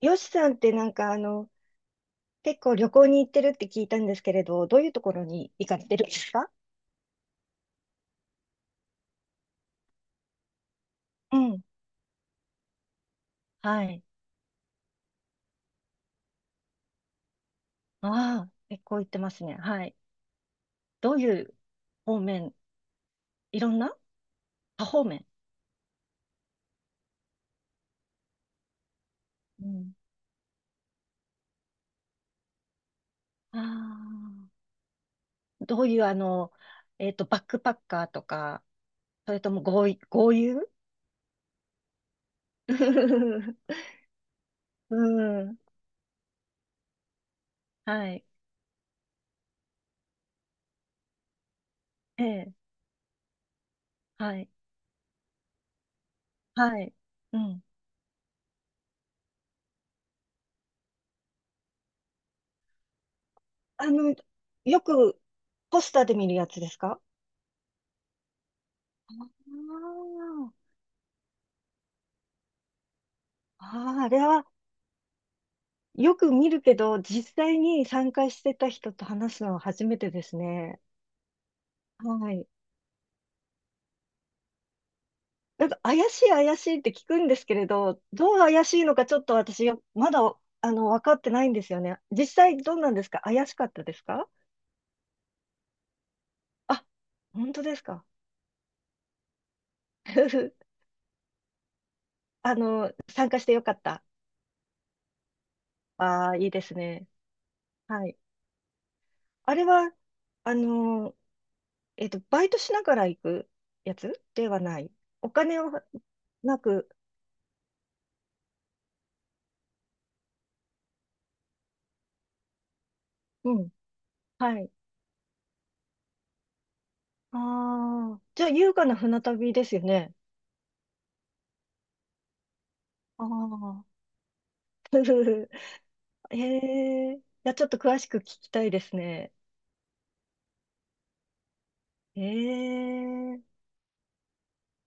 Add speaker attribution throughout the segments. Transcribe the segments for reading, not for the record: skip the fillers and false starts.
Speaker 1: よしさんってなんか結構旅行に行ってるって聞いたんですけれど、どういうところに行かれてるんですか？うん。はい。ああ、結構行ってますね。はい。どういう方面、いろんな多方面。うん。ああ、どういう、バックパッカーとか、それとも豪遊 うん。はい。ええ。はい。はい。うん。あの、よくポスターで見るやつですか？ああああ、あれはよく見るけど、実際に参加してた人と話すのは初めてですね。はい。なんか怪しい怪しいって聞くんですけれど、どう怪しいのかちょっと私よ、まだ、分かってないんですよね。実際どうなんですか？怪しかったですか？あ、本当ですか？ 参加してよかった。ああ、いいですね。はい。あれは、あの、バイトしながら行くやつではない。お金はなく、うん、はい。ああ、じゃあ優雅な船旅ですよね。ああ。へえ。いや、ちょっと詳しく聞きたいですね。ええ。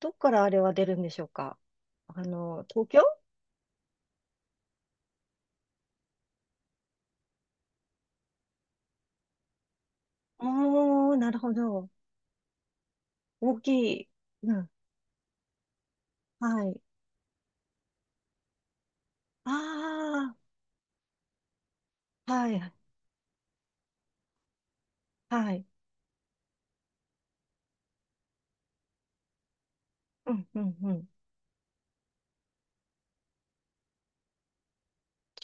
Speaker 1: どっからあれは出るんでしょうか？東京、おー、なるほど。大きい。うん。はい。ああ、はい。はい。うん、うん、うん。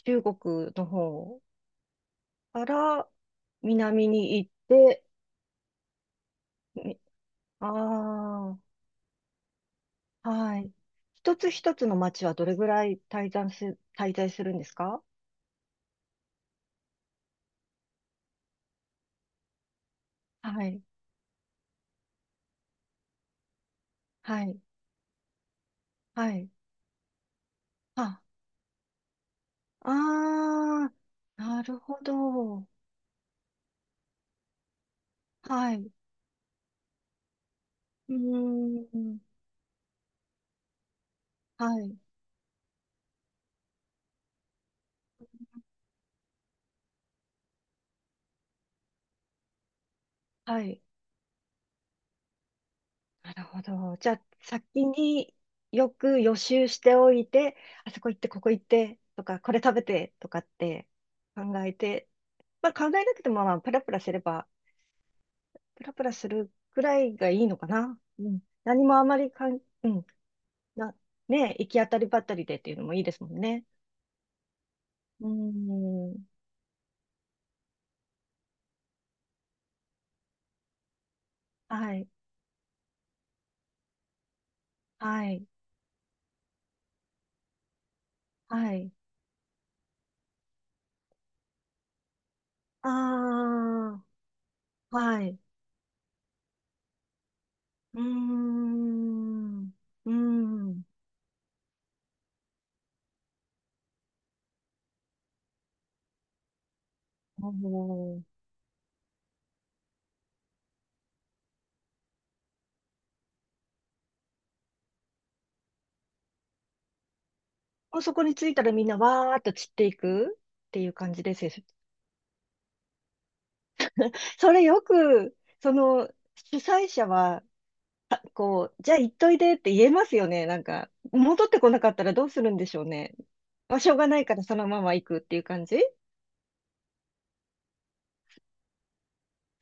Speaker 1: 中国の方から南に行って、ああ、はい。一つ一つの町はどれぐらい滞在するんですか？はい、はい、はい。あ、あー、なるほど。はい。うーん。はい。はい。なるほど。じゃあ、先によく予習しておいて、あそこ行って、ここ行って、とか、これ食べて、とかって考えて、まあ考えなくても、まあ、プラプラすれば、プラプラするくらいがいいのかな。うん。何もあまりうん。な、ね、行き当たりばったりでっていうのもいいですもんね。うーん。はい、はい、はい。ああ、はい。うーん、うーん。おー、もうそこに着いたらみんなわーっと散っていくっていう感じですよ。それよく、その、主催者は、あ、こう、じゃあ行っといでって言えますよね。なんか、戻ってこなかったらどうするんでしょうね。まあ、しょうがないからそのまま行くっていう感じ、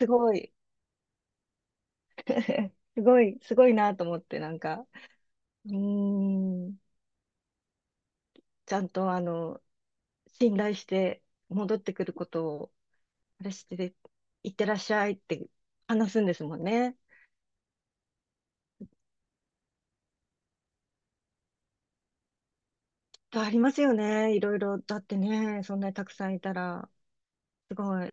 Speaker 1: すごい。すごい、すごいなと思って、なんか、うーん、ちゃんと信頼して戻ってくることを、あれしてて、いってらっしゃいって話すんですもんね。ありますよね。いろいろ。だってね、そんなにたくさんいたら、すごい、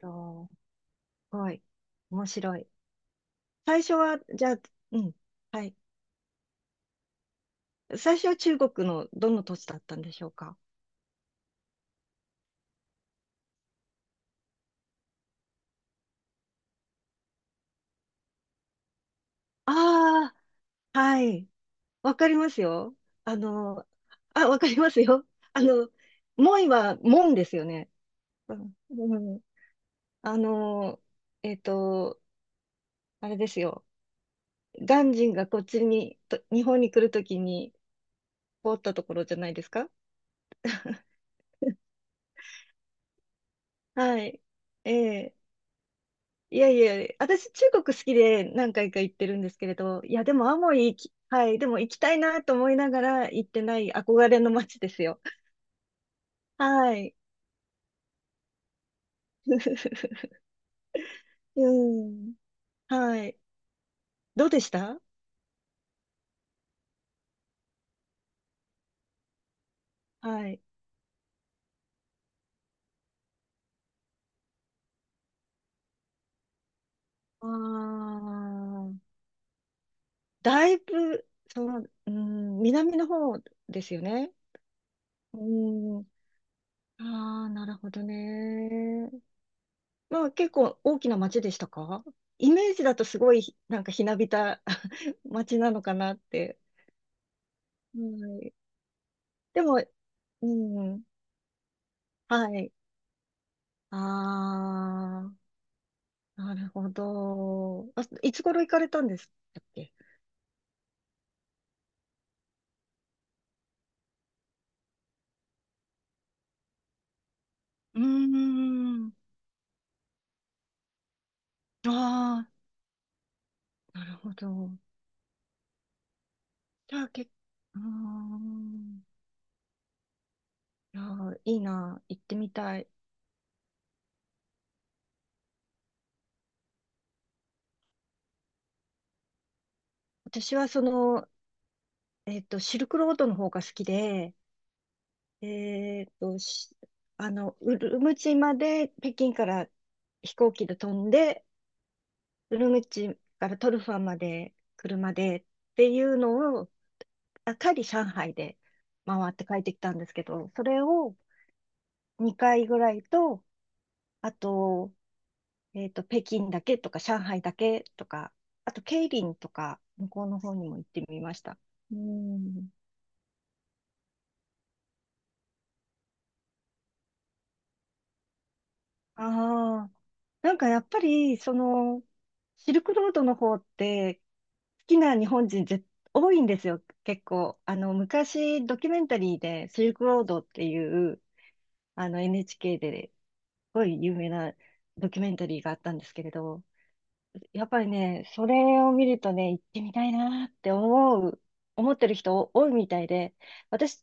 Speaker 1: と、すごい、面白い。最初は、じゃあ、うん、はい。最初は中国のどの土地だったんでしょうか。ああー、はい。わかりますよ。あの、わかりますよ。あの、門は門ですよね。うん、うん。あの、えっと、あれですよ。鑑真がこっちに、と日本に来るときに通ったところじゃないですか。はい。ええ、いやいや、私、中国好きで何回か行ってるんですけれど、いや、でも、アモイ行き、はい、でも行きたいなと思いながら行ってない憧れの街ですよ。はい。うん。はい。どうでした？はい。ああ、だいぶ、うん、南の方ですよね。うん。ああ、なるほどね。まあ結構大きな町でしたか？イメージだとすごいなんかひなびた 町なのかなって。はい。でも、うん。はい。ああ、なるほど。あ、いつ頃行かれたんですっけ？うーん。ああ、なるほど。じゃあ、うーん。いやー、いいな。行ってみたい。私はシルクロードの方が好きで、しあの、ウルムチまで北京から飛行機で飛んで、ウルムチからトルファンまで車でっていうのを、あ、帰り上海で回って帰ってきたんですけど、それを2回ぐらいと、あと、北京だけとか、上海だけとか、あと、桂林とか、向こうの方にも行ってみました。うん。ああ、なんかやっぱり、シルクロードの方って、好きな日本人多いんですよ、結構。昔、ドキュメンタリーで、シルクロードっていう、NHK ですごい有名なドキュメンタリーがあったんですけれど、やっぱりね、それを見るとね、行ってみたいなって思ってる人多いみたいで、私、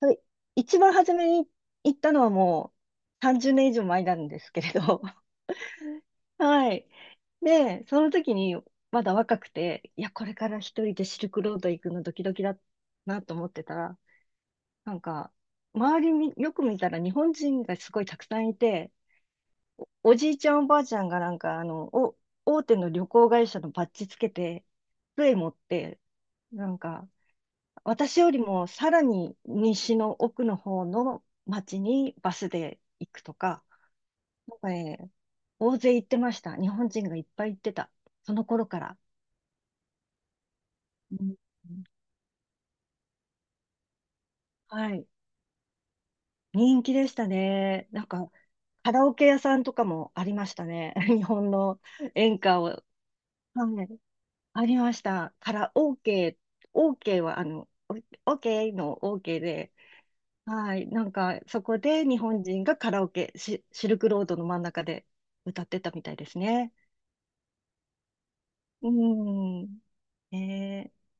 Speaker 1: それ一番初めに行ったのはもう30年以上前なんですけれど、はい。で、その時にまだ若くて、いや、これから一人でシルクロード行くのドキドキだなと思ってたら、なんか、周りみよく見たら日本人がすごいたくさんいて、おじいちゃんおばあちゃんがなんか、大手の旅行会社のバッジつけて、杖持って、なんか、私よりもさらに西の奥の方の町にバスで行くとか、なんかね、大勢行ってました。日本人がいっぱい行ってた。その頃から。うん、はい。人気でしたね。なんか、カラオケ屋さんとかもありましたね。日本の演歌を。はい、ありました。から、OK、OK は、OK の OK で、はい、なんか、そこで日本人がカラオケ、シルクロードの真ん中で歌ってたみたいですね。うん。ねえ